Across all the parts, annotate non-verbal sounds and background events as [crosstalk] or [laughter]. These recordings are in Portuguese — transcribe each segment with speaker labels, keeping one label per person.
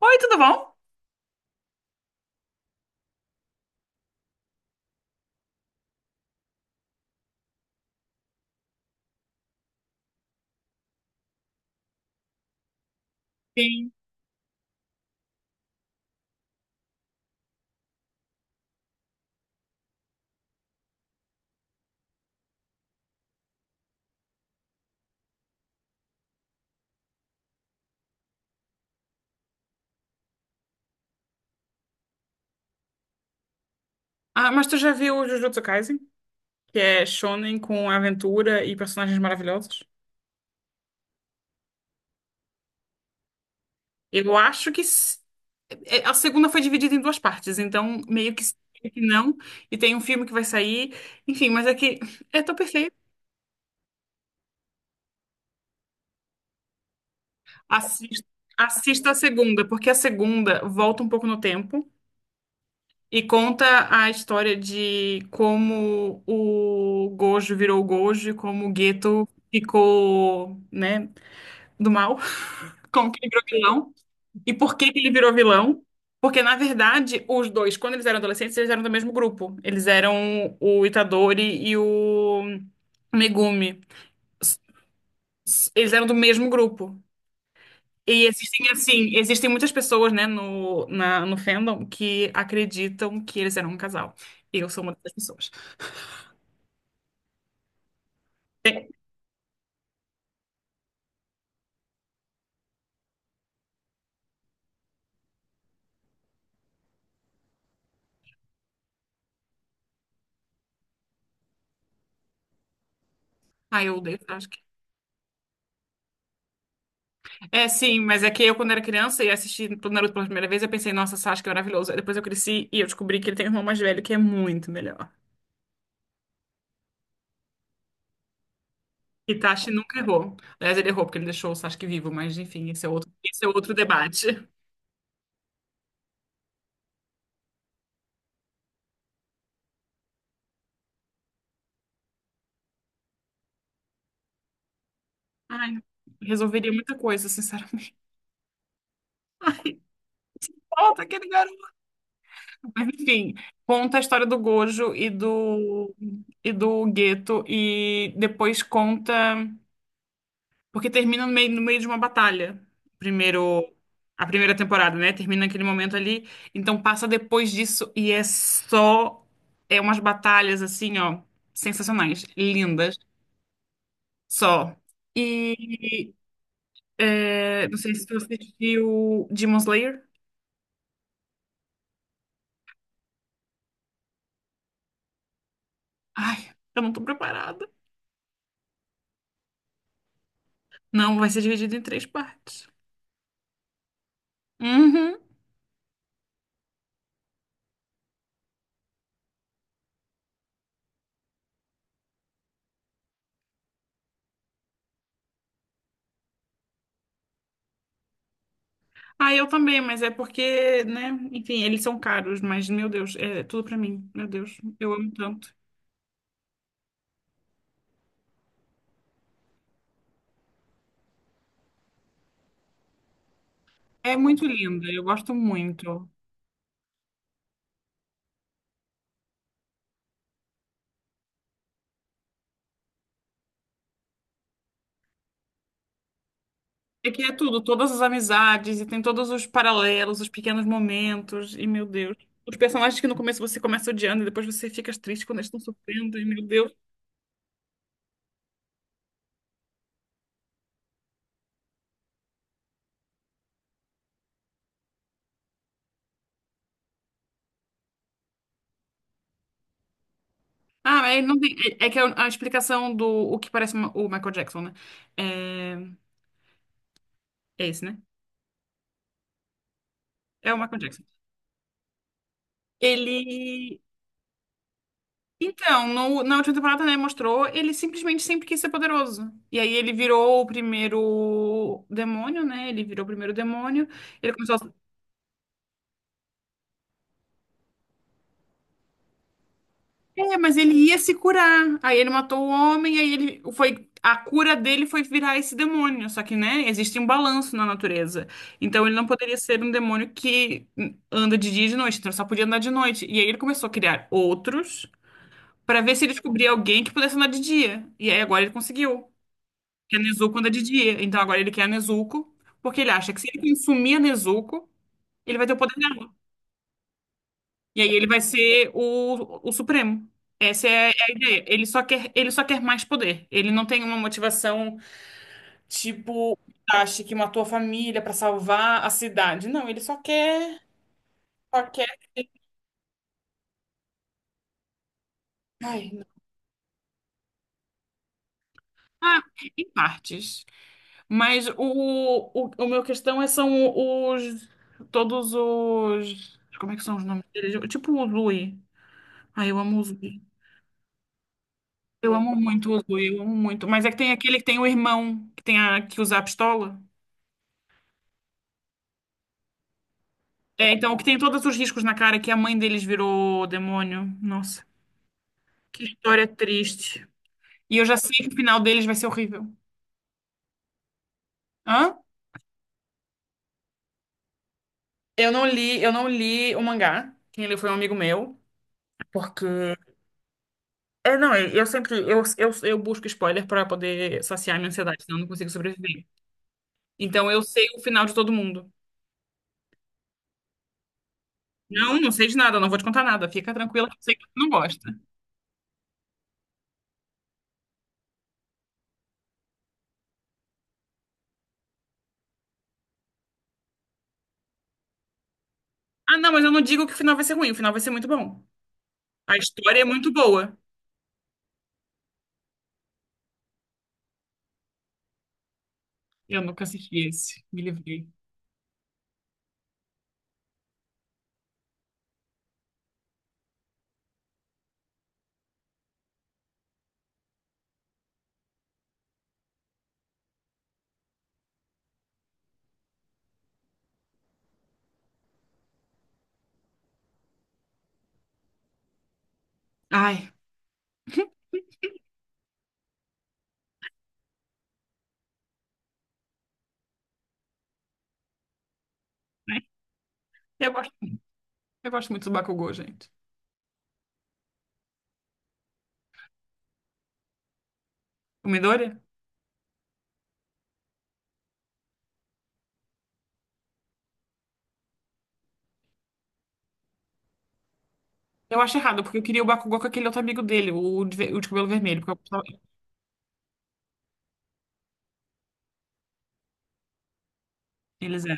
Speaker 1: Oi, tudo bom? Ah, mas tu já viu o Jujutsu Kaisen? Que é shonen com aventura e personagens maravilhosos? Eu acho que a segunda foi dividida em duas partes, então meio que sim, meio que não. E tem um filme que vai sair. Enfim, mas é que é tão perfeito. Assista, assista a segunda, porque a segunda volta um pouco no tempo e conta a história de como o Gojo virou o Gojo, e como o Geto ficou, né, do mal, [laughs] como que ele virou vilão. E por que que ele virou vilão? Porque, na verdade, os dois, quando eles eram adolescentes, eles eram do mesmo grupo. Eles eram o Itadori e o Megumi. S- Eles eram do mesmo grupo. E existem, assim, existem muitas pessoas, né, no fandom que acreditam que eles eram um casal. Eu sou uma dessas pessoas. Ah, eu odeio Sasuke. É, sim, mas é que eu, quando era criança e assisti o Naruto pela primeira vez, eu pensei, nossa, Sasuke é maravilhoso. Aí depois eu cresci e eu descobri que ele tem um irmão mais velho que é muito melhor. Itachi nunca errou. Aliás, ele errou porque ele deixou o Sasuke vivo, mas enfim, esse é outro debate. Ai, resolveria muita coisa, sinceramente. Ai, volta aquele garoto. Mas enfim, conta a história do Gojo e do Geto e depois conta, porque termina no meio, no meio de uma batalha. Primeiro A primeira temporada, né? Termina naquele momento ali, então passa depois disso e é só umas batalhas assim, ó, sensacionais, lindas. Só. E não sei se você viu Demon Slayer. Ai, eu não tô preparada. Não, vai ser dividido em três partes. Uhum. Ah, eu também, mas é porque, né? Enfim, eles são caros, mas meu Deus, é tudo pra mim. Meu Deus, eu amo tanto. É muito linda, eu gosto muito. É que é tudo, todas as amizades, e tem todos os paralelos, os pequenos momentos, e meu Deus. Os personagens que no começo você começa odiando e depois você fica triste quando eles estão sofrendo, e meu Deus. Ah, é, não tem, é que a explicação do o que parece o Michael Jackson, né? É, é esse, né? É o Michael Jackson. Ele. Então, na última temporada, né, mostrou, ele simplesmente sempre quis ser poderoso. E aí ele virou o primeiro demônio, né? Ele virou o primeiro demônio. Ele começou a É, mas ele ia se curar. Aí ele matou o homem, aí ele foi a cura dele foi virar esse demônio. Só que, né, existe um balanço na natureza. Então ele não poderia ser um demônio que anda de dia e de noite, então ele só podia andar de noite. E aí ele começou a criar outros para ver se ele descobria alguém que pudesse andar de dia. E aí agora ele conseguiu. Que a Nezuko anda de dia. Então agora ele quer a Nezuko, porque ele acha que se ele consumir a Nezuko, ele vai ter o poder dela. E aí ele vai ser o Supremo. Essa é a ideia. Ele só quer mais poder. Ele não tem uma motivação tipo acha que matou a família pra salvar a cidade. Não, ele só quer, só quer. Ai, não. Ah, em partes. Mas o meu questão é são os todos os como é que são os nomes deles? Tipo o Zui. Ai, eu amo o Zui. Eu amo muito o Zui, eu amo muito. Mas é que tem aquele que tem o irmão que tem a que usa a pistola. É, então, o que tem todos os riscos na cara, é que a mãe deles virou demônio. Nossa, que história triste. E eu já sei que o final deles vai ser horrível. Hã? Eu não li o mangá. Quem leu foi um amigo meu, porque não, eu sempre eu busco spoiler para poder saciar minha ansiedade, senão eu não consigo sobreviver. Então eu sei o final de todo mundo. Não, não sei de nada, não vou te contar nada. Fica tranquila, que eu sei que você não gosta. Ah, não, mas eu não digo que o final vai ser ruim, o final vai ser muito bom. A história é muito boa. Eu nunca assisti esse, me livrei. Ai, ai, eu gosto, eu gosto muito do Bakugou, gente. O Midori? Eu acho errado, porque eu queria o Bakugou com aquele outro amigo dele, o de cabelo vermelho, porque eu gostava. Eles é.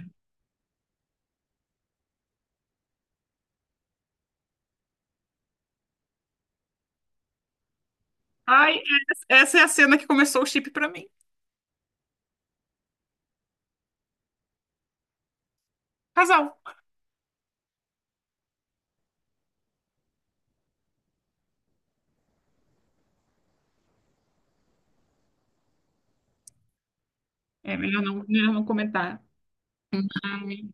Speaker 1: Ai, essa é a cena que começou o chip pra mim. Casal. É, melhor não comentar. Ai,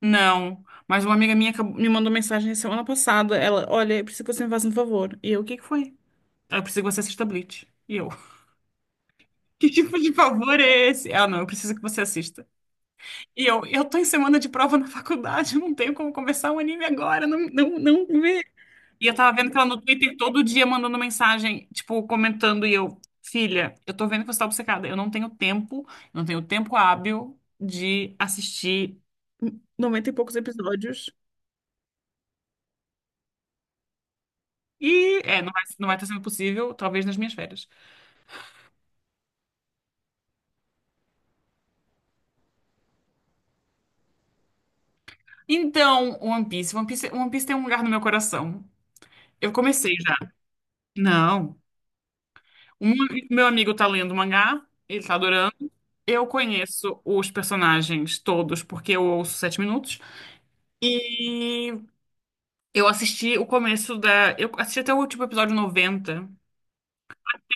Speaker 1: não, mas uma amiga minha me mandou mensagem semana passada. Ela, olha, eu preciso que você me faça um favor. E eu, o que que foi? Ela, eu preciso que você assista Bleach. E eu, [laughs] que tipo de favor é esse? Ela, não, eu preciso que você assista. E eu tô em semana de prova na faculdade, eu não tenho como começar um anime agora, não, não, não vê. E eu tava vendo que ela no Twitter todo dia mandando mensagem, tipo, comentando, e eu, filha, eu tô vendo que você tá obcecada, eu não tenho tempo, eu não tenho tempo hábil de assistir 90 e poucos episódios. E não vai estar sendo possível, talvez nas minhas férias. Então, One Piece, One Piece, One Piece tem um lugar no meu coração. Eu comecei já. Não. Um, Meu amigo tá lendo o mangá, ele tá adorando. Eu conheço os personagens todos porque eu ouço Sete Minutos. E eu assisti o começo da. Eu assisti até o último episódio 90.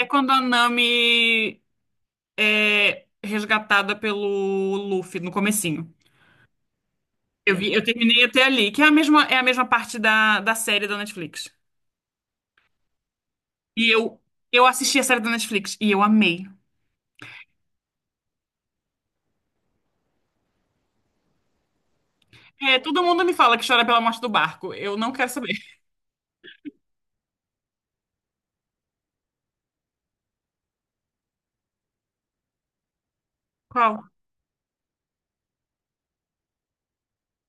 Speaker 1: É quando a Nami é resgatada pelo Luffy no comecinho. Eu vi, eu terminei até ali, que é a mesma, parte da série da Netflix. E eu assisti a série da Netflix e eu amei. É, todo mundo me fala que chora pela morte do barco. Eu não quero saber. [laughs] Qual?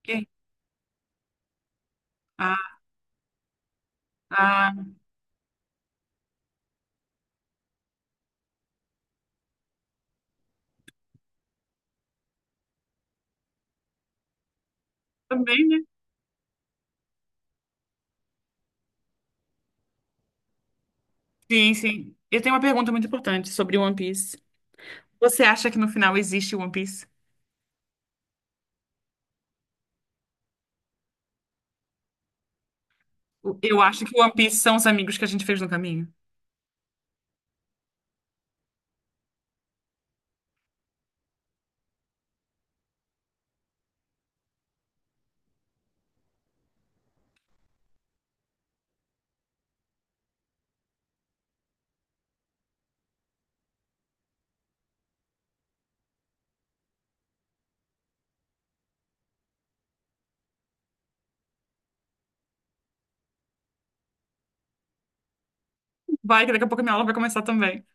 Speaker 1: Quem? Ah, ah, também sim, sim. Eu tenho uma pergunta muito importante sobre One Piece. Você acha que no final existe One Piece? Eu acho que One Piece são os amigos que a gente fez no caminho. Vai, que daqui a pouco minha aula vai começar também.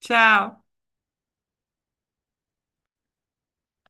Speaker 1: Tchau.